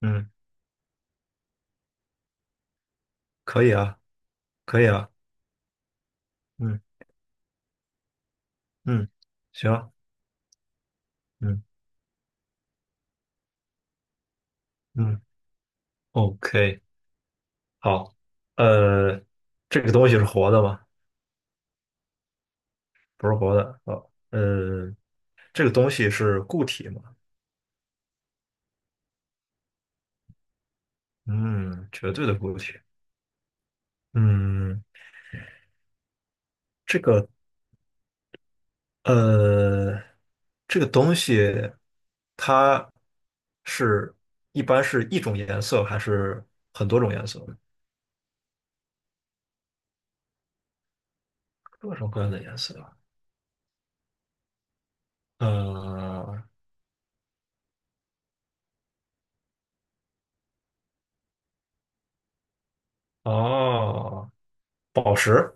嗯，可以啊，可以啊，嗯嗯，行啊，嗯嗯，OK，好，呃，这个东西是活的吗？不是活的，哦，这个东西是固体吗？嗯，绝对的固体。嗯，这个呃，这个东西它是一般是一种颜色还是很多种颜色？各种各样的颜色啊。呃，哦，宝石。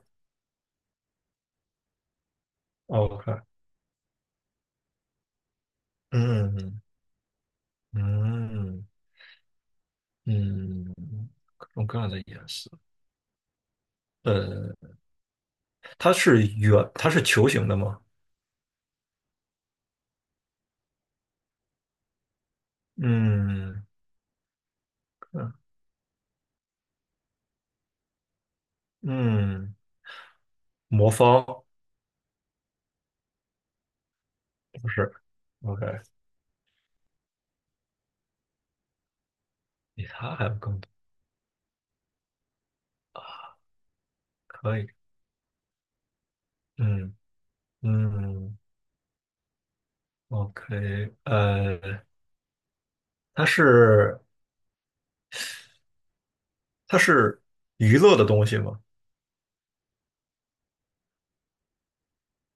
OK，嗯嗯嗯，各种各样的颜色。呃，它是球形的吗？嗯嗯嗯，魔方不是。OK,比它还要更多，可以。嗯嗯，OK,它是它是娱乐的东西吗？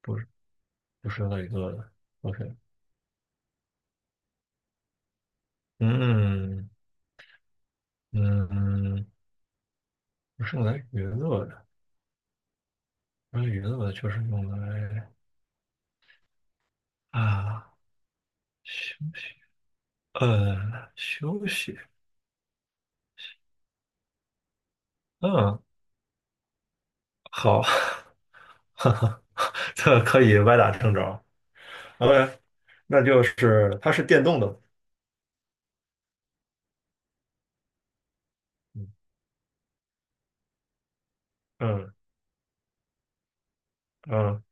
不是，不是用来娱乐的。OK,嗯嗯，不是用来娱乐的，不是娱乐的，就是用来。啊，休息，休息，嗯，好，哈哈，这可以歪打正着。OK,那就是它是电动的，嗯嗯嗯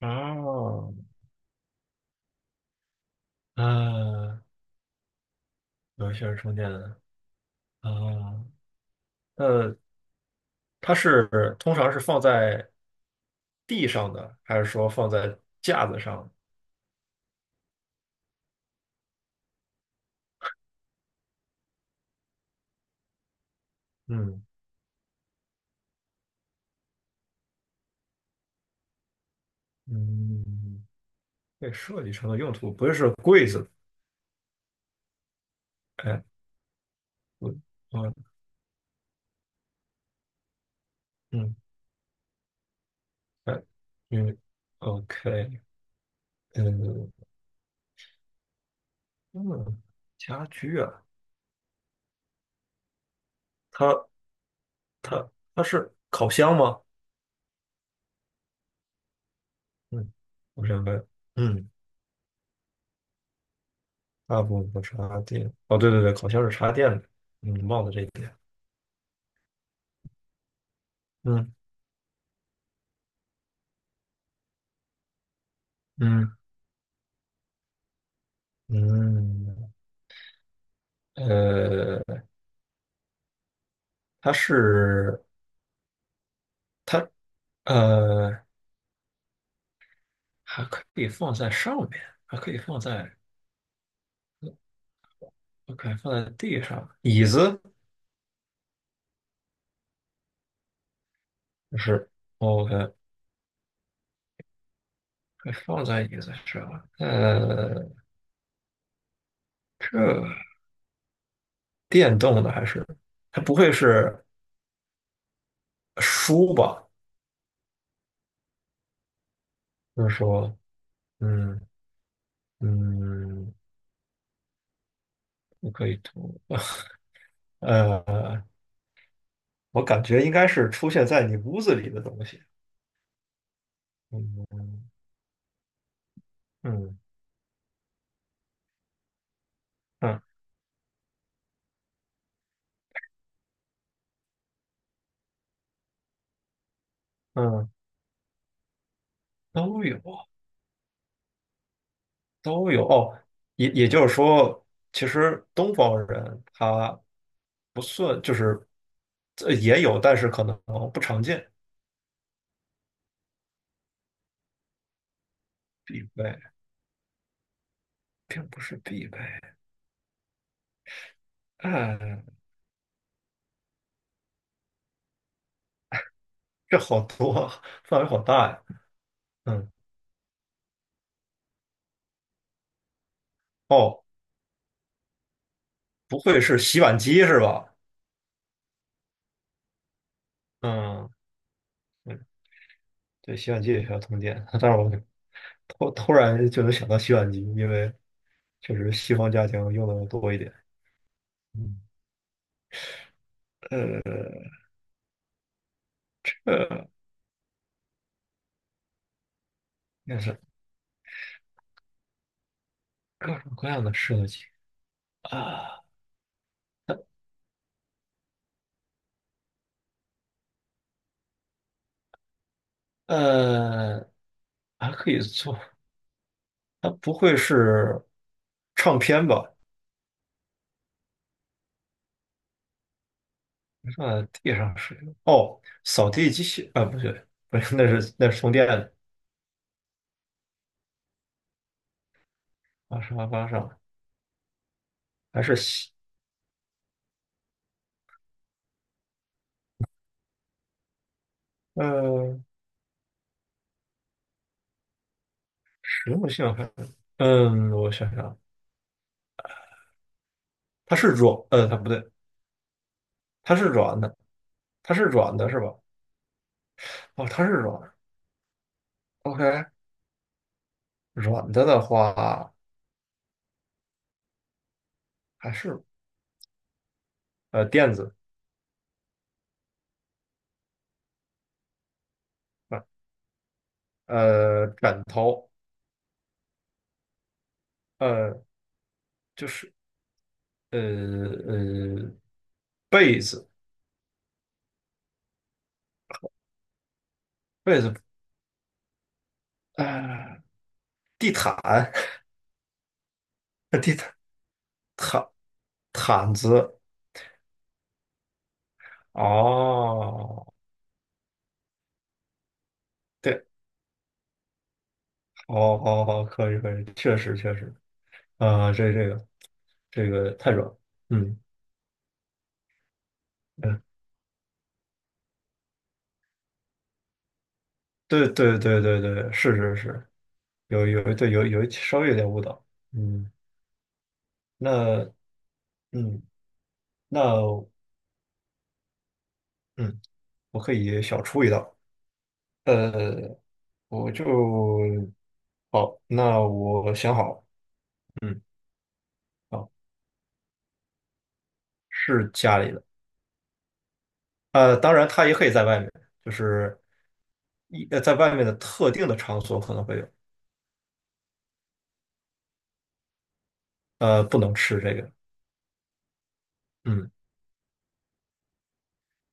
哦，嗯，有一些是充电的，啊，呃，通常是放在地上的，还是说放在架子上？嗯嗯，被设计成了用途不是说柜子，哎，嗯嗯。嗯嗯，OK,嗯嗯，家居啊，它它它是烤箱吗？嗯，我想问，嗯，大部分是插电，哦，对对对，烤箱是插电的，嗯，忘了这一点，嗯嗯嗯，呃，它是它呃还可以放在上面，还可以放在，OK,放在地上，椅子就是 OK,还放在椅子上，这。电动的还是它不会是书吧？就是说，嗯嗯，不可以读。呃，我感觉应该是出现在你屋子里的东西。嗯嗯嗯嗯，都有都有哦。也也就是说，其实东方人他不算，就是这也有，但是可能不常见，必备并不是必备。哎，这好多，范围好大呀。嗯，哦。不会是洗碗机是吧？嗯，对，对，洗碗机也需要通电。但是我突然就能想到洗碗机，因为确实西方家庭用的多一点。嗯，呃，也是各种各样的设计啊，呃，还可以做。它不会是唱片吧？放在地上是哦，扫地机器啊，不对，不是，那是那是充电的，啊，沙发上还是洗呃。实用性，我想想看，嗯，我想想啊，它不对，它是软的，它是软的是吧？哦，它是软的，OK,软的的话还是呃垫子，呃，呃枕头，呃，就是呃呃被子，被子，呃，地毯，地毯毯子，哦，对，哦哦哦，可以可以，确实确实，啊、这个这个太软了，嗯嗯。对对对对对，是是是，有稍微有点误导。嗯，那嗯那嗯，我可以小出一道。呃，我就好，那我想好，嗯，好，是家里的。当然它也可以在外面，就是一呃在外面的特定的场所可能会有，不能吃这个，嗯，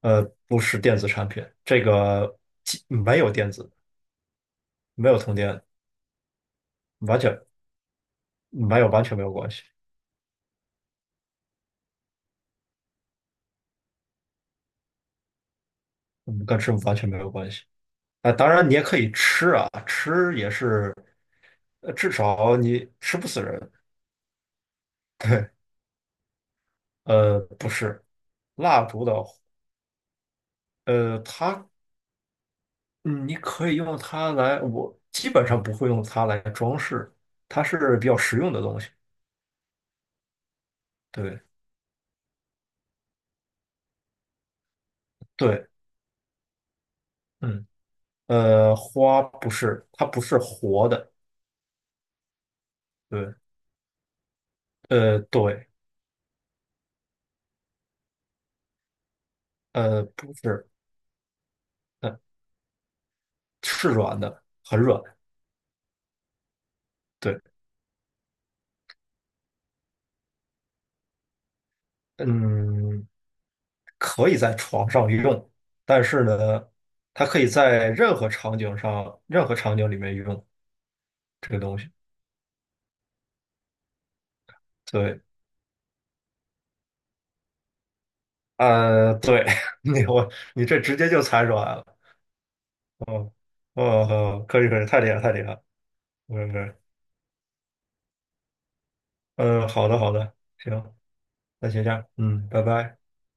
呃，不是电子产品，这个既没有电子，没有通电，完全。没有，完全没有关系，嗯，跟吃完全没有关系。啊、当然你也可以吃啊，吃也是，至少你吃不死人。对，不是，蜡烛的，呃，它，嗯你可以用它来，我基本上不会用它来装饰，它是比较实用的东西。对，对，嗯，花不是，它不是活的。对，对，不是，呃，是软的，很软。对，嗯。可以在床上用，但是呢，它可以在任何场景上、任何场景里面用这个东西。对，对，你这直接就猜出来了。哦，哦，好可以可以，太厉害太厉害。嗯是不是嗯，好的好的，行，那先这样，嗯，拜拜。